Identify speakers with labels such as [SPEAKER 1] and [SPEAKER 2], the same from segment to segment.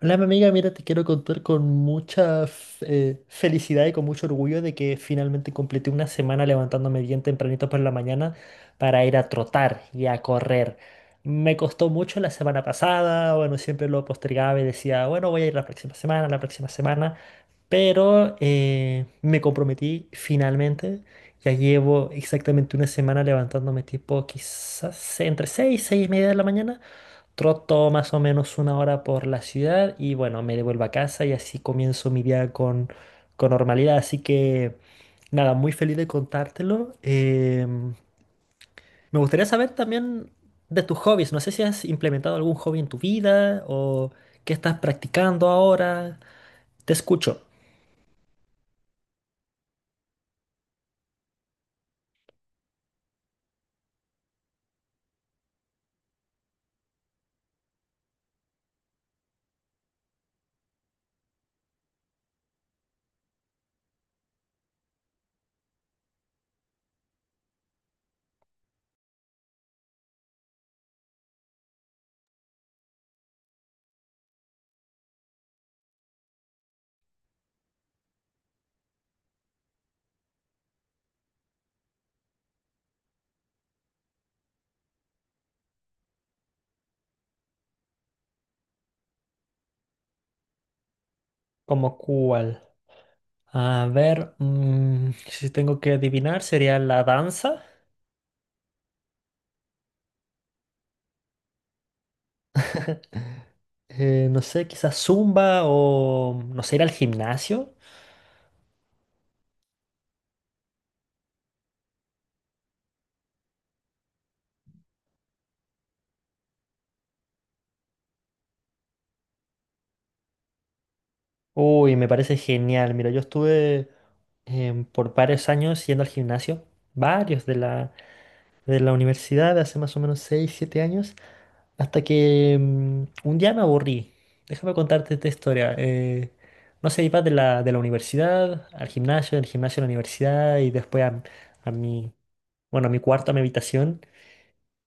[SPEAKER 1] Hola, mi amiga, mira, te quiero contar con mucha felicidad y con mucho orgullo de que finalmente completé una semana levantándome bien tempranito por la mañana para ir a trotar y a correr. Me costó mucho la semana pasada, bueno, siempre lo postergaba y decía, bueno, voy a ir la próxima semana, pero me comprometí finalmente. Ya llevo exactamente una semana levantándome tipo quizás entre 6, 6:30 de la mañana. Troto más o menos una hora por la ciudad y bueno, me devuelvo a casa y así comienzo mi día con normalidad. Así que nada, muy feliz de contártelo. Me gustaría saber también de tus hobbies. No sé si has implementado algún hobby en tu vida o qué estás practicando ahora. Te escucho. ¿Como cuál? A ver, si tengo que adivinar, sería la danza. No sé, quizás zumba o no sé, ir al gimnasio. Uy, me parece genial. Mira, yo estuve por varios años yendo al gimnasio, varios de la, universidad, hace más o menos 6 7 años, hasta que un día me aburrí. Déjame contarte esta historia. No sé, iba de la, universidad al gimnasio, del gimnasio a la universidad y después a mi, bueno, a mi cuarto, a mi habitación.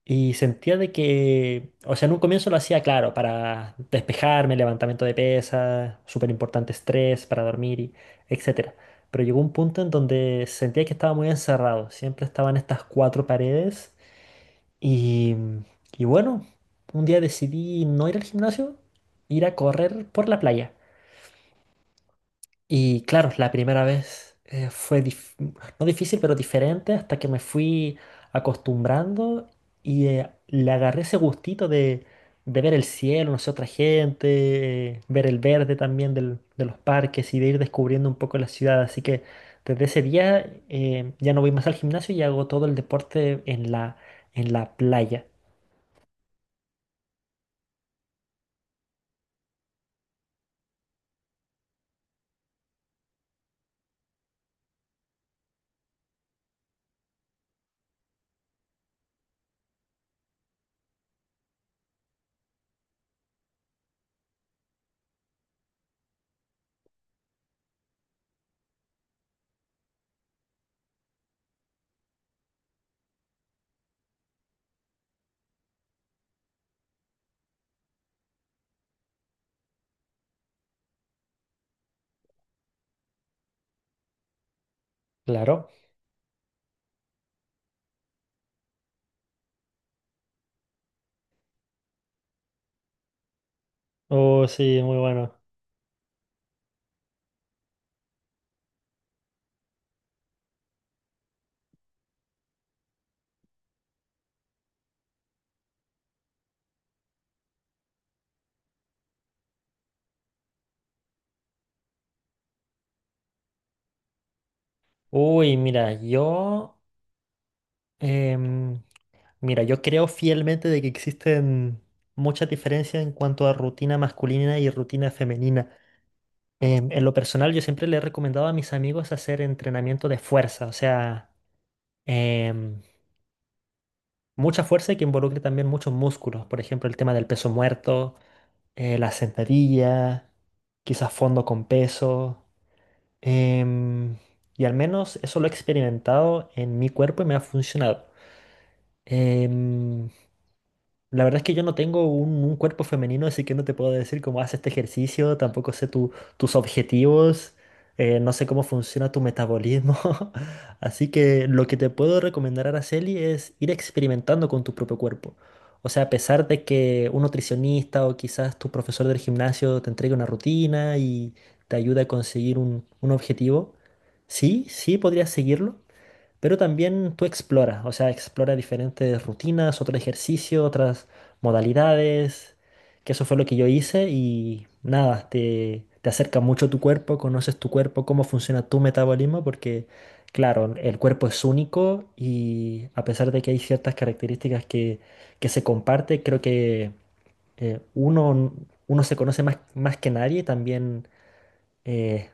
[SPEAKER 1] Y sentía de que, o sea, en un comienzo lo hacía claro, para despejarme, levantamiento de pesas, súper importante estrés, para dormir, y etcétera. Pero llegó un punto en donde sentía que estaba muy encerrado, siempre estaba en estas cuatro paredes. Y, y bueno, un día decidí no ir al gimnasio, ir a correr por la playa. Y claro, la primera vez fue no difícil, pero diferente hasta que me fui acostumbrando y le agarré ese gustito de ver el cielo, no sé, otra gente, ver el verde también de los parques y de ir descubriendo un poco la ciudad. Así que desde ese día ya no voy más al gimnasio y hago todo el deporte en la, playa. Claro. Oh, sí, muy bueno. Uy, mira, em, Mira, yo creo fielmente de que existen muchas diferencias en cuanto a rutina masculina y rutina femenina. En lo personal, yo siempre le he recomendado a mis amigos hacer entrenamiento de fuerza, o sea, em, mucha fuerza y que involucre también muchos músculos. Por ejemplo, el tema del peso muerto, la sentadilla, quizás fondo con peso. em, y al menos eso lo he experimentado en mi cuerpo y me ha funcionado. Em, La verdad es que yo no tengo un, cuerpo femenino, así que no te puedo decir cómo haces este ejercicio, tampoco sé tus objetivos, no sé cómo funciona tu metabolismo. Así que lo que te puedo recomendar, Araceli, es ir experimentando con tu propio cuerpo. O sea, a pesar de que un nutricionista o quizás tu profesor del gimnasio te entregue una rutina y te ayude a conseguir un, objetivo, sí, sí podrías seguirlo, pero también tú exploras, o sea, exploras diferentes rutinas, otros ejercicios, otras modalidades, que eso fue lo que yo hice y nada, te, acerca mucho tu cuerpo, conoces tu cuerpo, cómo funciona tu metabolismo, porque claro, el cuerpo es único y a pesar de que hay ciertas características que, se comparte, creo que eh, uno, uno se conoce más, más que nadie, también eh,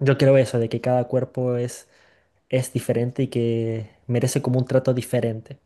[SPEAKER 1] yo creo eso, de que cada cuerpo es diferente y que merece como un trato diferente.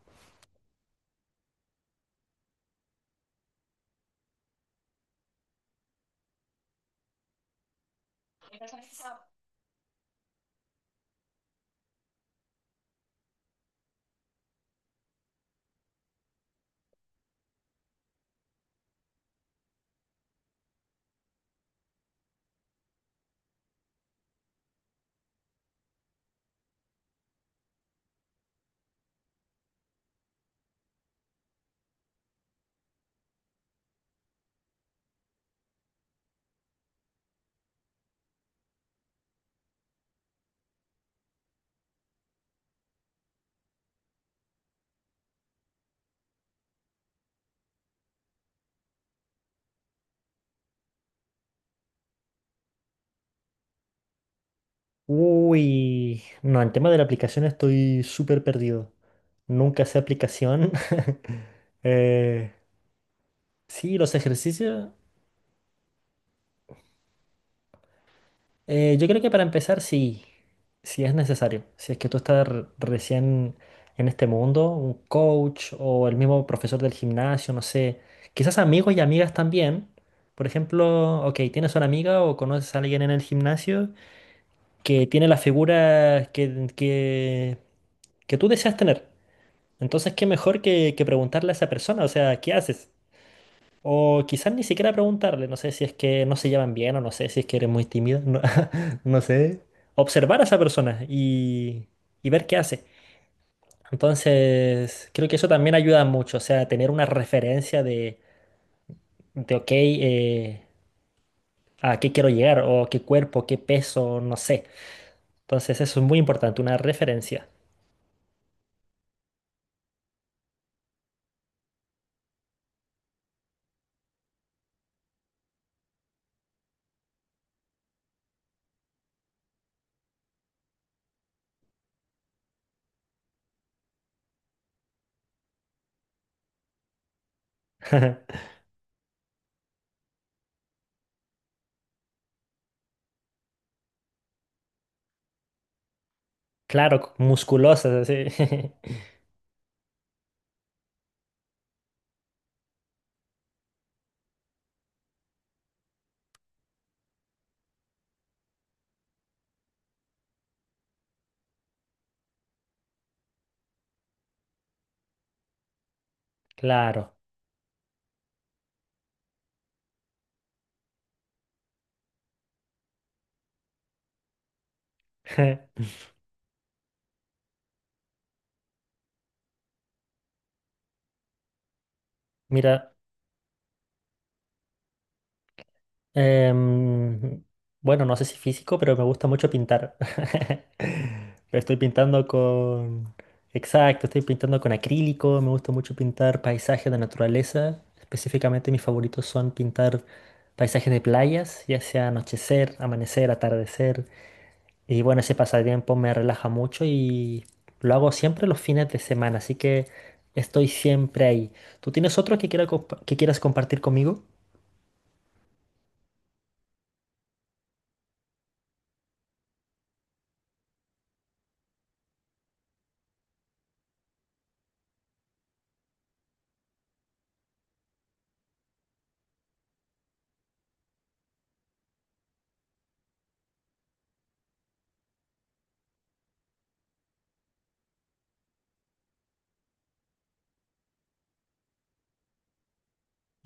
[SPEAKER 1] Uy, no, en tema de la aplicación estoy súper perdido. Nunca sé aplicación. Eh, sí, los ejercicios. Yo creo que para empezar, sí, sí es necesario. Si es que tú estás recién en este mundo, un coach o el mismo profesor del gimnasio, no sé. Quizás amigos y amigas también. Por ejemplo, ok, tienes una amiga o conoces a alguien en el gimnasio que tiene las figuras que, tú deseas tener. Entonces, qué mejor que preguntarle a esa persona, o sea, ¿qué haces? O quizás ni siquiera preguntarle, no sé si es que no se llevan bien o no sé si es que eres muy tímida, no, no sé. Observar a esa persona y, ver qué hace. Entonces, creo que eso también ayuda mucho, o sea, tener una referencia de ok, a qué quiero llegar o qué cuerpo, qué peso, no sé. Entonces, eso es muy importante, una referencia. Claro, musculosas, así. Claro. Mira, em, bueno, no sé si físico, pero me gusta mucho pintar. Pero estoy pintando con... Exacto, estoy pintando con acrílico, me gusta mucho pintar paisajes de naturaleza. Específicamente mis favoritos son pintar paisajes de playas, ya sea anochecer, amanecer, atardecer. Y bueno, ese pasatiempo me relaja mucho y lo hago siempre los fines de semana, así que estoy siempre ahí. ¿Tú tienes otro que, quiera compa- que quieras compartir conmigo?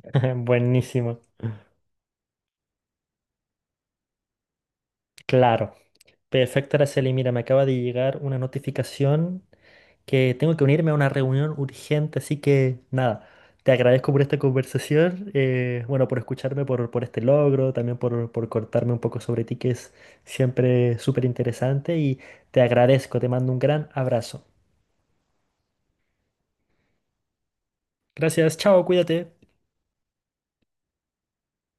[SPEAKER 1] Buenísimo. Claro. Perfecto, Araceli. Mira, me acaba de llegar una notificación que tengo que unirme a una reunión urgente, así que nada, te agradezco por esta conversación, bueno, por escucharme, por este logro, también por cortarme un poco sobre ti, que es siempre súper interesante, y te agradezco, te mando un gran abrazo. Gracias, chao, cuídate.